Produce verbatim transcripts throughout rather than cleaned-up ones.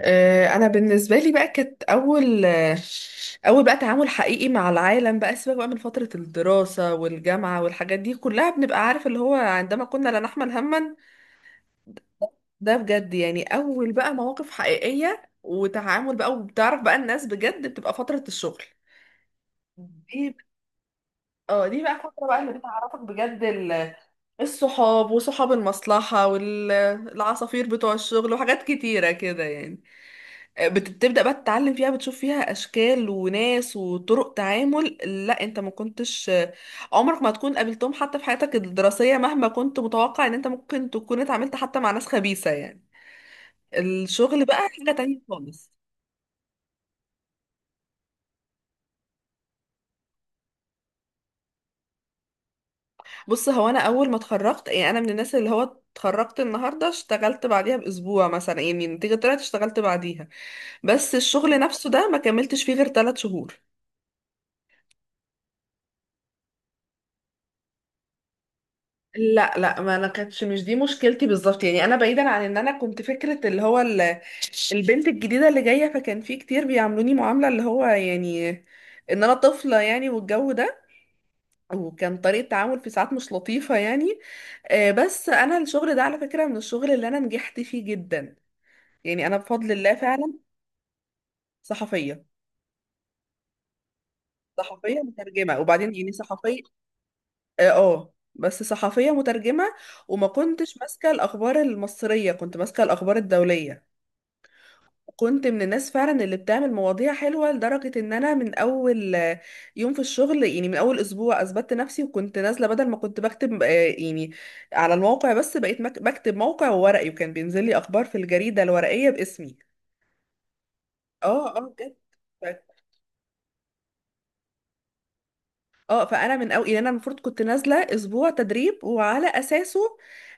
آه، انا بالنسبه لي بقى كانت اول آه، اول بقى تعامل حقيقي مع العالم بقى، سيبك بقى من فتره الدراسه والجامعه والحاجات دي كلها، بنبقى عارف اللي هو عندما كنا لا نحمل هما. ده بجد يعني اول بقى مواقف حقيقيه وتعامل بقى وبتعرف بقى الناس بجد، بتبقى فتره الشغل دي. اه دي بقى فتره بقى اللي بتعرفك بجد. ال- الصحاب وصحاب المصلحه والعصافير بتوع الشغل وحاجات كتيره كده يعني. بت- بتبدأ بقى تتعلم فيها، بتشوف فيها أشكال وناس وطرق تعامل. لا أنت ما كنتش عمرك ما تكون قابلتهم حتى في حياتك الدراسية، مهما كنت متوقع إن أنت ممكن تكون اتعاملت حتى مع ناس خبيثة يعني. الشغل بقى حاجة تانية خالص. بص، هو أنا أول ما اتخرجت يعني أنا من الناس اللي هو اتخرجت النهاردة اشتغلت بعديها بأسبوع مثلا. يعني النتيجة طلعت اشتغلت بعديها، بس الشغل نفسه ده ما كملتش فيه غير ثلاث شهور. لا لا، ما انا كانتش، مش دي مشكلتي بالظبط يعني. انا بعيدا عن ان انا كنت فكره اللي هو ال- البنت الجديده اللي جايه، فكان في كتير بيعاملوني معامله اللي هو يعني ان انا طفله يعني والجو ده، وكان طريقه تعامل في ساعات مش لطيفه يعني. آه، بس انا الشغل ده على فكره من الشغل اللي انا نجحت فيه جدا يعني. انا بفضل الله فعلا. صحفيه. صحفيه مترجمه، وبعدين يعني صحفيه. اه، آه، بس صحفيه مترجمه، وما كنتش ماسكه الاخبار المصريه، كنت ماسكه الاخبار الدوليه. كنت من الناس فعلا اللي بتعمل مواضيع حلوة، لدرجة ان انا من اول آه، يوم في الشغل، يعني من اول اسبوع اثبتت نفسي، وكنت نازلة بدل ما كنت بكتب آه، يعني على الموقع بس، بقيت مك- بكتب موقع وورقي، وكان بينزل لي اخبار في الجريدة الورقية باسمي. اه اه، بجد. ف- اه فانا من اول، يعني انا المفروض كنت نازلة اسبوع تدريب وعلى اساسه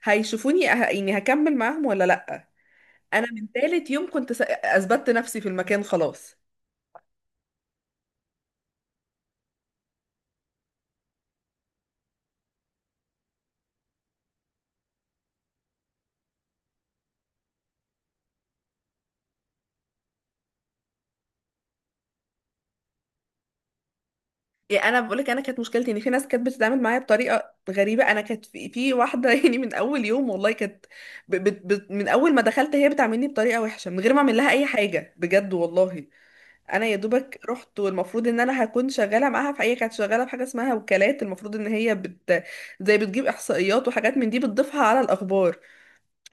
هيشوفوني، ه- يعني هكمل معاهم ولا لا. انا من تالت يوم كنت، س- اثبتت نفسي في المكان خلاص. يعني انا بقول لك انا كانت مشكلتي ان في ناس كانت بتتعامل معايا بطريقه غريبه. انا كانت في, في واحده يعني من اول يوم والله، كانت ب... ب... ب... من اول ما دخلت هي بتعاملني بطريقه وحشه من غير ما اعمل لها اي حاجه بجد والله. انا يا دوبك رحت، والمفروض ان انا هكون شغاله معاها في، هي كانت شغاله في حاجه اسمها وكالات، المفروض ان هي بت... زي بتجيب احصائيات وحاجات من دي بتضيفها على الاخبار.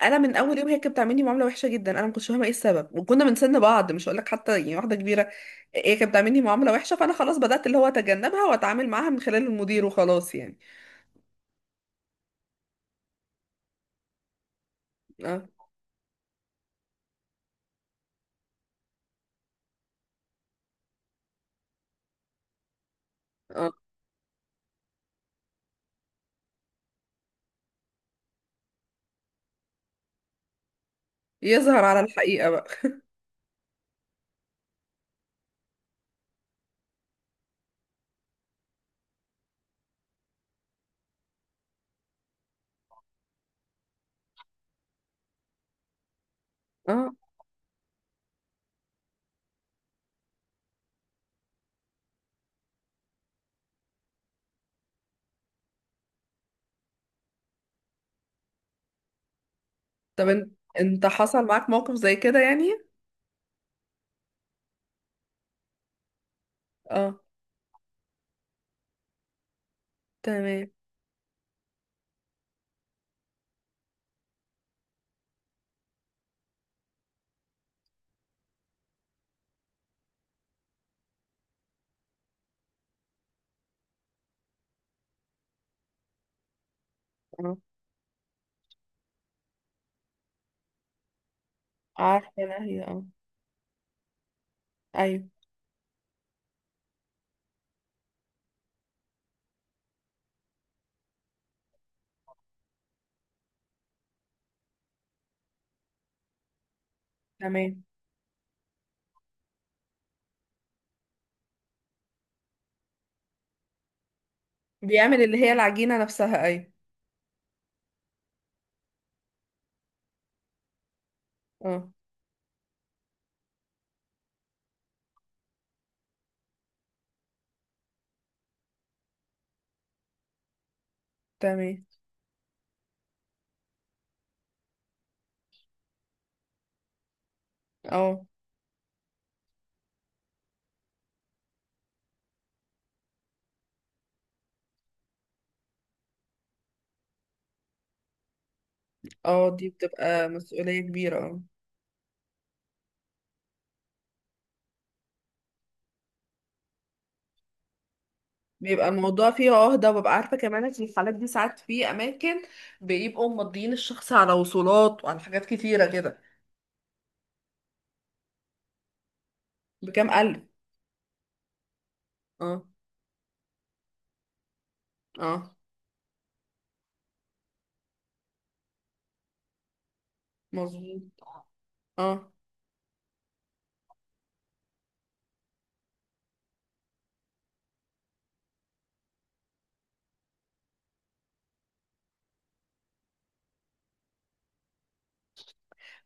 انا من اول يوم هي كانت بتعاملني معامله وحشه جدا. انا ما كنتش فاهمه ايه السبب، وكنا من سن بعض، مش هقول لك حتى يعني واحده كبيره. هي كانت بتعاملني معامله وحشه، فانا خلاص بدات اللي هو اتجنبها واتعامل معاها من خلال المدير وخلاص يعني. اه اه، يظهر على الحقيقه بقى. اه، طب انت انت حصل معاك موقف زي كده يعني. اه. تمام. اه، عارفه انا هي اه. ايوه. تمام. بيعمل اللي هي العجينه نفسها، ايوه. اه. تمام. اه اه، دي بتبقى مسؤوليه كبيره اه. بيبقى الموضوع فيه عهدة، وببقى عارفة كمان ان في الحالات دي ساعات في أماكن بيبقوا مضيين الشخص على وصولات وعلى حاجات كتيرة كده. بكام ألف. اه. اه، مظبوط. اه،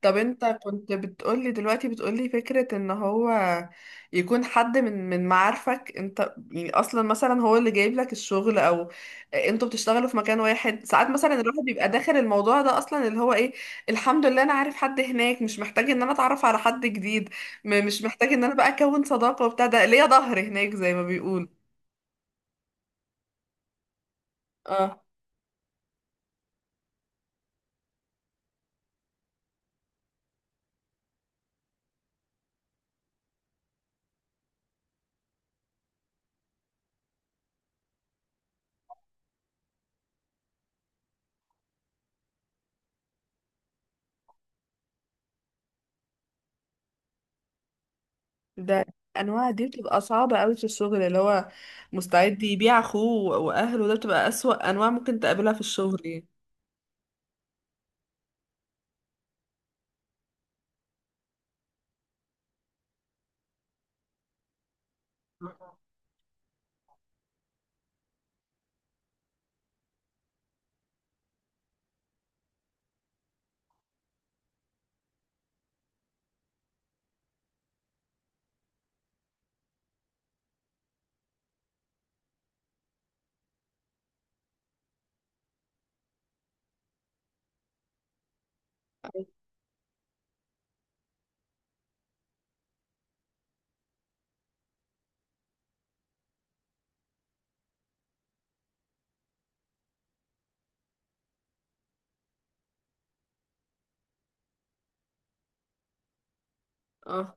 طب انت كنت بتقولي دلوقتي، بتقولي فكرة ان هو يكون حد من من معارفك انت، يعني اصلا مثلا هو اللي جايب لك الشغل، او انتوا بتشتغلوا في مكان واحد، ساعات مثلا الواحد بيبقى داخل الموضوع ده اصلا اللي هو ايه. الحمد لله انا عارف حد هناك، مش محتاج ان انا اتعرف على حد جديد. م- مش محتاج ان انا بقى اكون صداقة وبتاع، ده ليا ظهر هناك زي ما بيقول. اه. ده الانواع دي بتبقى صعبة قوي في الشغل، اللي هو مستعد يبيع اخوه واهله. ده بتبقى اسوأ انواع ممكن تقابلها في الشغل يعني. اه،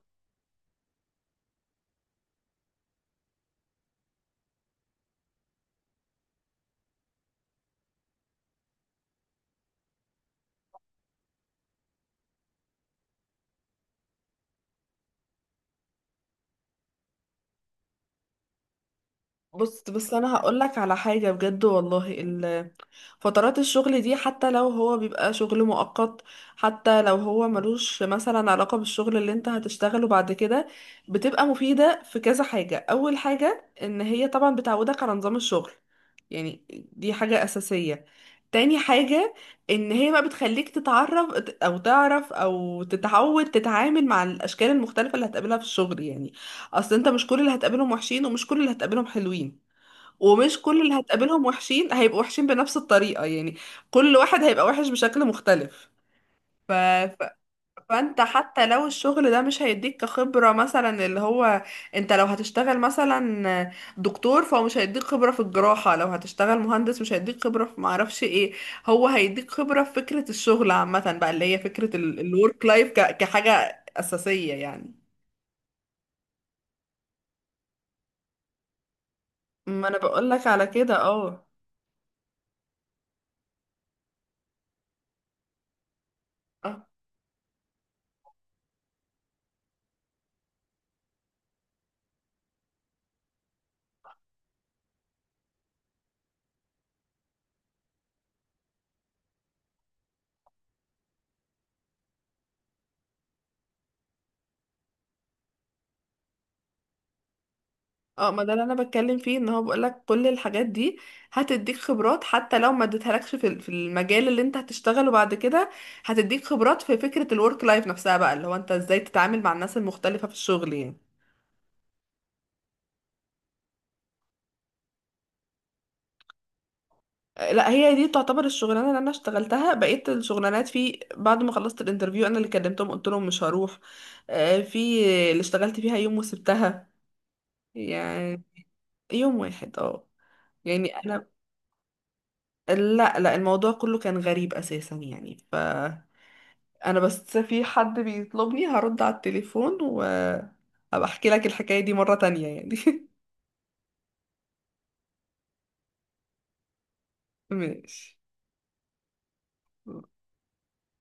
بص، بس انا هقولك على حاجة بجد والله. ال- فترات الشغل دي حتى لو هو بيبقى شغل مؤقت، حتى لو هو ملوش مثلا علاقة بالشغل اللي انت هتشتغله بعد كده، بتبقى مفيدة في كذا حاجة. اول حاجة ان هي طبعا بتعودك على نظام الشغل يعني، دي حاجة اساسية. تاني حاجة ان هي بقى بتخليك تتعرف او تعرف او تتعود تتعامل مع الاشكال المختلفة اللي هتقابلها في الشغل يعني. اصل انت مش كل اللي هتقابلهم وحشين، ومش كل اللي هتقابلهم حلوين، ومش كل اللي هتقابلهم وحشين هيبقوا وحشين بنفس الطريقة يعني. كل واحد هيبقى وحش بشكل مختلف. ف... ف... فانت حتى لو الشغل ده مش هيديك كخبرة، مثلا اللي هو انت لو هتشتغل مثلا دكتور، فهو مش هيديك خبرة في الجراحة. لو هتشتغل مهندس مش هيديك خبرة في معرفش ايه. هو هيديك خبرة في فكرة الشغل عامة بقى، اللي هي فكرة الورك لايف ك... كحاجة أساسية يعني. ما انا بقولك على كده. اه اه، ما ده اللي انا بتكلم فيه، ان هو بقولك كل الحاجات دي هتديك خبرات حتى لو ما اديتهالكش في ال- في المجال اللي انت هتشتغله بعد كده. هتديك خبرات في فكرة الورك لايف نفسها بقى، اللي هو انت ازاي تتعامل مع الناس المختلفة في الشغل يعني. آه، لا، هي دي تعتبر الشغلانة اللي انا اشتغلتها. بقيت الشغلانات، في بعد ما خلصت الانترفيو انا اللي كلمتهم قلت لهم مش هروح. آه، في اللي اشتغلت فيها يوم وسبتها يعني. يوم واحد اه. يعني انا، لا لا، الموضوع كله كان غريب اساسا يعني. ف انا بس في حد بيطلبني، هرد على التليفون وابقى احكي لك الحكاية دي مرة تانية يعني ماشي.